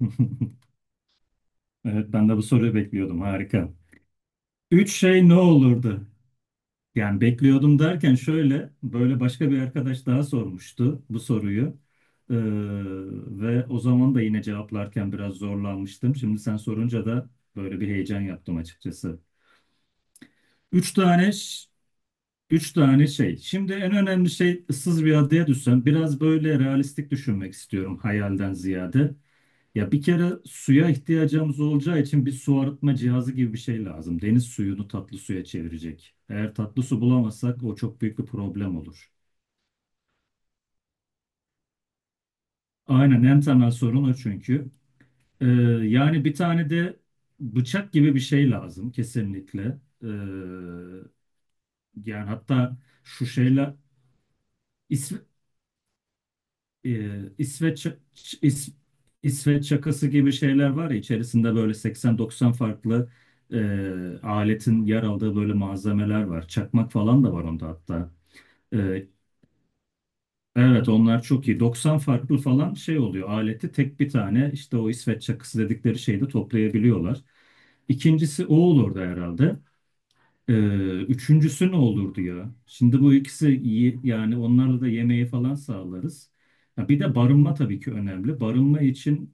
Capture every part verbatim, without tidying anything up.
Evet, ben de bu soruyu bekliyordum. Harika. Üç şey ne olurdu? Yani bekliyordum derken şöyle, böyle başka bir arkadaş daha sormuştu bu soruyu. Ee, ve o zaman da yine cevaplarken biraz zorlanmıştım. Şimdi sen sorunca da böyle bir heyecan yaptım açıkçası. Üç tane Üç tane şey. Şimdi en önemli şey, ıssız bir adaya düşsen biraz böyle realistik düşünmek istiyorum hayalden ziyade. Ya bir kere suya ihtiyacımız olacağı için bir su arıtma cihazı gibi bir şey lazım. Deniz suyunu tatlı suya çevirecek. Eğer tatlı su bulamazsak o çok büyük bir problem olur. Aynen, en temel sorun o çünkü. Ee, yani bir tane de bıçak gibi bir şey lazım kesinlikle. Ee, yani hatta şu şeyler... e, İsveç İs- İsveç çakısı gibi şeyler var ya, içerisinde böyle seksen doksan farklı e, aletin yer aldığı böyle malzemeler var. Çakmak falan da var onda hatta. E, evet onlar çok iyi. doksan farklı falan şey oluyor. Aleti tek bir tane işte o İsveç çakısı dedikleri şeyde toplayabiliyorlar. İkincisi o olurdu herhalde. Ee, üçüncüsü ne olurdu ya? Şimdi bu ikisi iyi yani, onlarla da yemeği falan sağlarız. Ya bir de barınma tabii ki önemli. Barınma için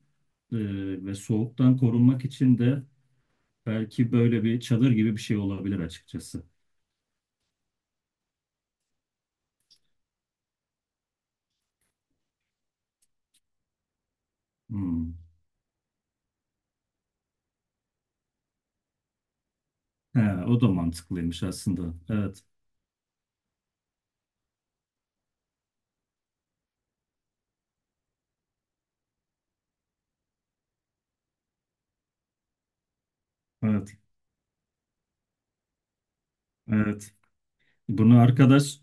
e, ve soğuktan korunmak için de belki böyle bir çadır gibi bir şey olabilir açıkçası. Hmm. He, o da mantıklıymış aslında. Evet, evet, evet. Bunu arkadaş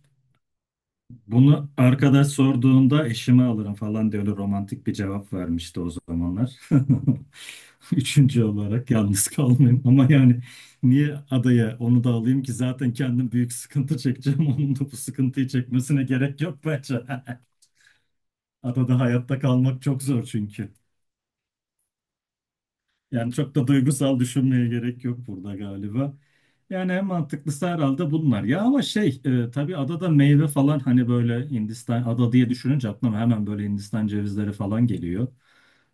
bunu arkadaş sorduğunda, eşime alırım falan diye öyle romantik bir cevap vermişti o zamanlar. Üçüncü olarak yalnız kalmayayım. Ama yani niye adaya onu da alayım ki, zaten kendim büyük sıkıntı çekeceğim. Onun da bu sıkıntıyı çekmesine gerek yok bence. Adada hayatta kalmak çok zor çünkü. Yani çok da duygusal düşünmeye gerek yok burada galiba. Yani en mantıklısı herhalde bunlar. Ya ama şey e, tabii adada meyve falan, hani böyle Hindistan ada diye düşününce aklıma hemen böyle Hindistan cevizleri falan geliyor.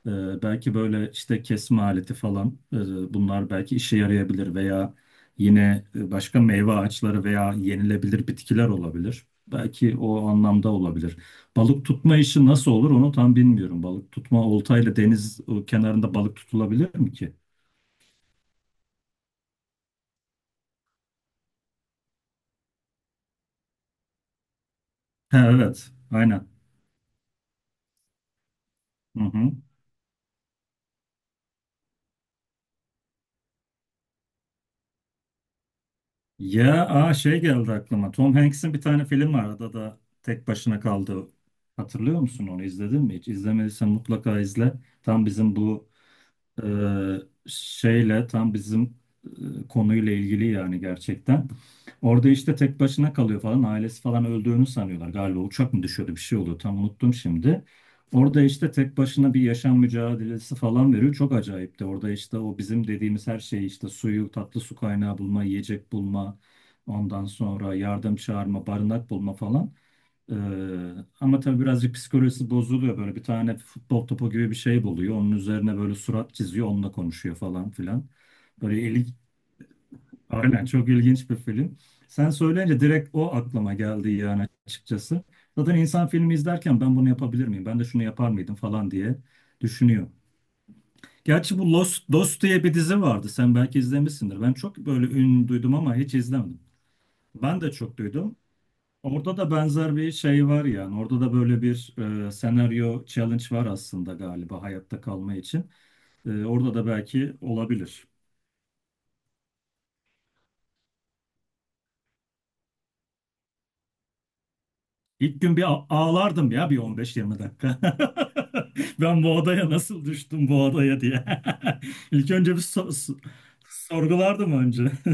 Ee, belki böyle işte kesme aleti falan, e, bunlar belki işe yarayabilir veya yine e, başka meyve ağaçları veya yenilebilir bitkiler olabilir. Belki o anlamda olabilir. Balık tutma işi nasıl olur onu tam bilmiyorum. Balık tutma oltayla deniz e, kenarında balık tutulabilir mi ki? Ha, evet aynen. Hı hı. Ya aa, şey geldi aklıma. Tom Hanks'in bir tane film var. Adada tek başına kaldı. Hatırlıyor musun onu? İzledin mi hiç? İzlemediysen mutlaka izle. Tam bizim bu Ee, şeyle tam bizim e, konuyla ilgili yani, gerçekten. Orada işte tek başına kalıyor falan, ailesi falan öldüğünü sanıyorlar. Galiba uçak mı düşüyordu, bir şey oluyor, tam unuttum şimdi. Orada işte tek başına bir yaşam mücadelesi falan veriyor. Çok acayipti. Orada işte o bizim dediğimiz her şey işte, suyu, tatlı su kaynağı bulma, yiyecek bulma, ondan sonra yardım çağırma, barınak bulma falan. Ee, ama tabii birazcık psikolojisi bozuluyor. Böyle bir tane futbol topu gibi bir şey buluyor. Onun üzerine böyle surat çiziyor. Onunla konuşuyor falan filan. Böyle ilgi... Aynen, çok ilginç bir film. Sen söyleyince direkt o aklıma geldi yani, açıkçası. Zaten insan filmi izlerken, ben bunu yapabilir miyim, ben de şunu yapar mıydım falan diye düşünüyor. Gerçi bu Lost, Lost diye bir dizi vardı. Sen belki izlemişsindir. Ben çok böyle ün duydum ama hiç izlemedim. Ben de çok duydum. Orada da benzer bir şey var yani. Orada da böyle bir e, senaryo challenge var aslında galiba, hayatta kalma için. E, orada da belki olabilir. İlk gün bir a- ağlardım ya, bir on beş yirmi dakika. Ben bu odaya nasıl düştüm, bu odaya diye. İlk önce bir so- so- sorgulardım önce.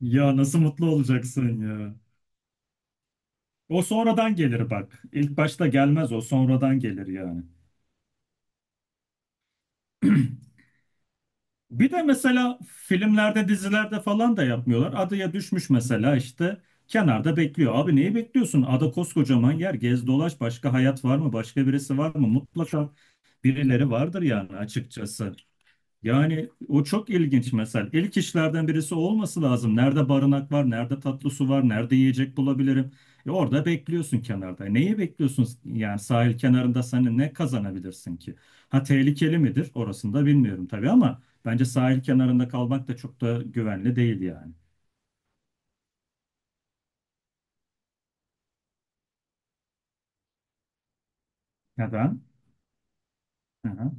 Ya nasıl mutlu olacaksın ya. O sonradan gelir bak. İlk başta gelmez, o sonradan gelir yani. Bir de mesela filmlerde, dizilerde falan da yapmıyorlar. Adaya düşmüş mesela, işte kenarda bekliyor. Abi neyi bekliyorsun? Ada koskocaman yer. Gez dolaş. Başka hayat var mı? Başka birisi var mı? Mutlaka birileri vardır yani, açıkçası. Yani o çok ilginç mesela. İlk işlerden birisi olması lazım. Nerede barınak var, nerede tatlı su var, nerede yiyecek bulabilirim. E orada bekliyorsun kenarda. E Neyi bekliyorsun? Yani sahil kenarında sen ne kazanabilirsin ki? Ha, tehlikeli midir? Orasını da bilmiyorum tabii, ama bence sahil kenarında kalmak da çok da güvenli değil yani. Neden? Hı hı.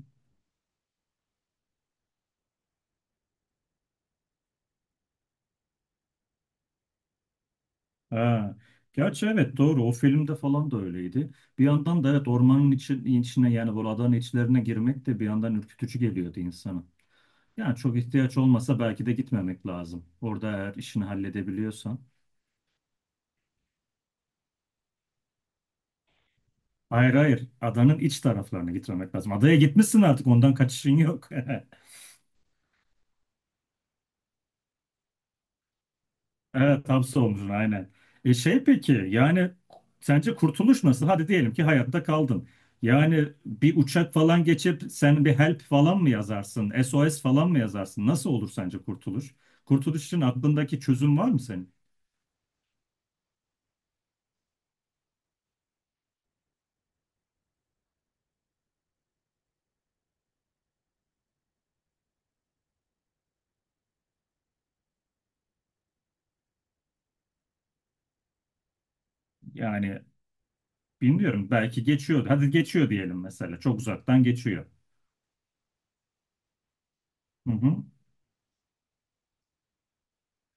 Ha. Gerçi evet, doğru, o filmde falan da öyleydi. Bir yandan da evet, ormanın içi, içine yani bu adanın içlerine girmek de bir yandan ürkütücü geliyordu insana. Yani çok ihtiyaç olmasa belki de gitmemek lazım. Orada eğer işini halledebiliyorsan. Hayır, hayır. Adanın iç taraflarına gitmemek lazım. Adaya gitmişsin, artık ondan kaçışın yok. Evet, hapse olmuşsun aynen. E şey peki yani sence kurtuluş nasıl? Hadi diyelim ki hayatta kaldın. Yani bir uçak falan geçip sen bir help falan mı yazarsın? S O S falan mı yazarsın? Nasıl olur sence kurtuluş? Kurtuluş için aklındaki çözüm var mı senin? Yani bilmiyorum, belki geçiyor. Hadi geçiyor diyelim mesela. Çok uzaktan geçiyor. Hı hı.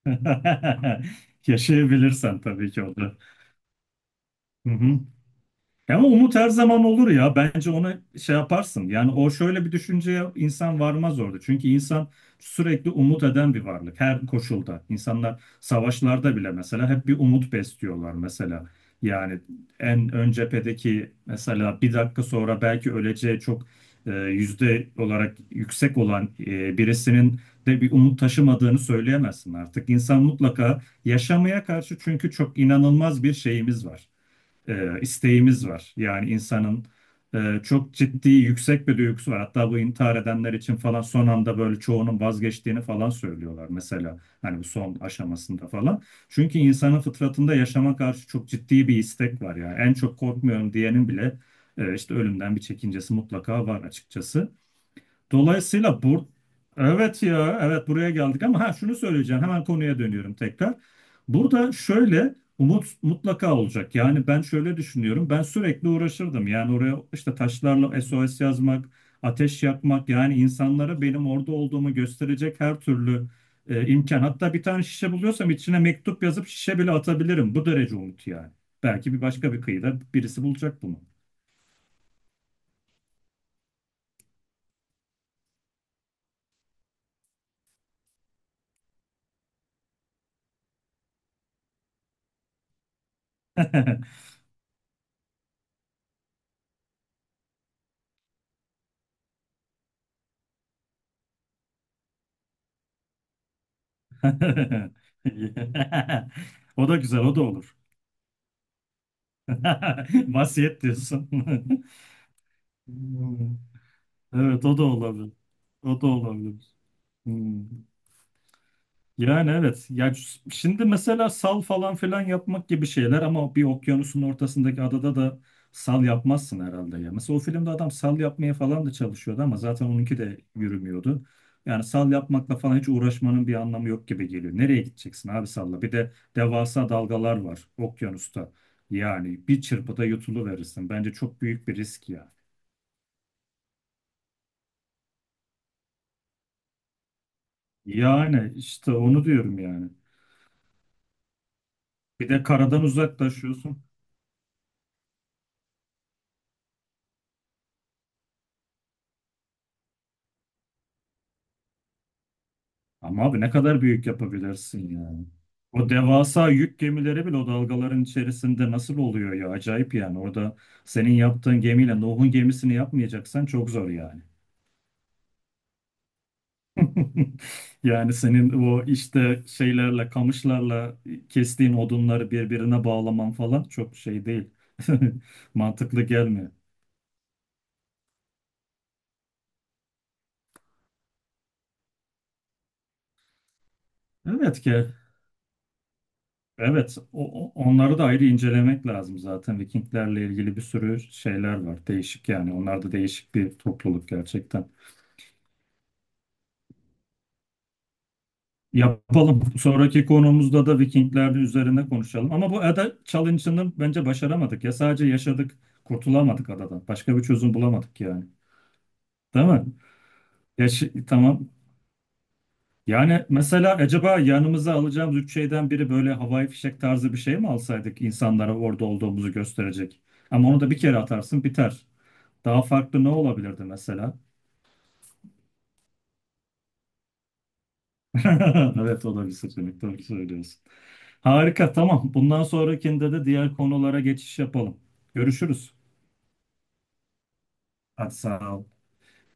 Yaşayabilirsen tabii ki o da. Hı hı. Ya ama umut her zaman olur ya. Bence ona şey yaparsın. Yani o şöyle bir düşünceye insan varmaz orada. Çünkü insan sürekli umut eden bir varlık. Her koşulda. İnsanlar savaşlarda bile mesela hep bir umut besliyorlar mesela. Yani en ön cephedeki, mesela bir dakika sonra belki öleceği çok e, yüzde olarak yüksek olan e, birisinin de bir umut taşımadığını söyleyemezsin artık. İnsan mutlaka yaşamaya karşı, çünkü çok inanılmaz bir şeyimiz var, e, isteğimiz var. Yani insanın e, çok ciddi yüksek bir duygusu var. Hatta bu intihar edenler için falan son anda böyle çoğunun vazgeçtiğini falan söylüyorlar mesela. Hani bu son aşamasında falan. Çünkü insanın fıtratında yaşama karşı çok ciddi bir istek var yani. En çok korkmuyorum diyenin bile e, işte ölümden bir çekincesi mutlaka var açıkçası. Dolayısıyla bu, evet ya evet, buraya geldik ama ha, şunu söyleyeceğim, hemen konuya dönüyorum tekrar. Burada şöyle, umut mutlaka olacak. Yani ben şöyle düşünüyorum. Ben sürekli uğraşırdım. Yani oraya işte taşlarla S O S yazmak, ateş yakmak, yani insanlara benim orada olduğumu gösterecek her türlü e, imkan. Hatta bir tane şişe buluyorsam içine mektup yazıp şişe bile atabilirim. Bu derece umut yani. Belki bir başka bir kıyıda birisi bulacak bunu. O da güzel, o da olur. Vasiyet diyorsun. Hmm. Evet, o da olabilir. O da olabilir. Hmm. Yani evet. Yani ş- şimdi mesela sal falan filan yapmak gibi şeyler, ama bir okyanusun ortasındaki adada da sal yapmazsın herhalde ya. Mesela o filmde adam sal yapmaya falan da çalışıyordu ama zaten onunki de yürümüyordu. Yani sal yapmakla falan hiç uğraşmanın bir anlamı yok gibi geliyor. Nereye gideceksin abi salla? Bir de devasa dalgalar var okyanusta. Yani bir çırpıda yutuluverirsin. Bence çok büyük bir risk ya. Yani işte onu diyorum yani. Bir de karadan uzaklaşıyorsun. Ama abi ne kadar büyük yapabilirsin ya. O devasa yük gemileri bile o dalgaların içerisinde nasıl oluyor ya? Acayip yani. Orada senin yaptığın gemiyle Nuh'un gemisini yapmayacaksan çok zor yani. Yani senin o işte şeylerle, kamışlarla kestiğin odunları birbirine bağlaman falan çok şey değil. Mantıklı gelmiyor. Evet ki Evet, o, o- onları da ayrı incelemek lazım zaten. Vikinglerle ilgili bir sürü şeyler var. Değişik yani. Onlar da değişik bir topluluk gerçekten. Yapalım. Sonraki konumuzda da Vikingler üzerine konuşalım. Ama bu ada challenge'ını bence başaramadık ya. Sadece yaşadık, kurtulamadık adadan. Başka bir çözüm bulamadık yani. Değil mi? Yaş tamam. Yani mesela acaba yanımıza alacağımız üç şeyden biri böyle havai fişek tarzı bir şey mi alsaydık, insanlara orada olduğumuzu gösterecek? Ama onu da bir kere atarsın biter. Daha farklı ne olabilirdi mesela? Evet, o da bir seçenek. Doğru söylüyorsun. Harika, tamam. Bundan sonrakinde de diğer konulara geçiş yapalım. Görüşürüz. Hadi sağ ol.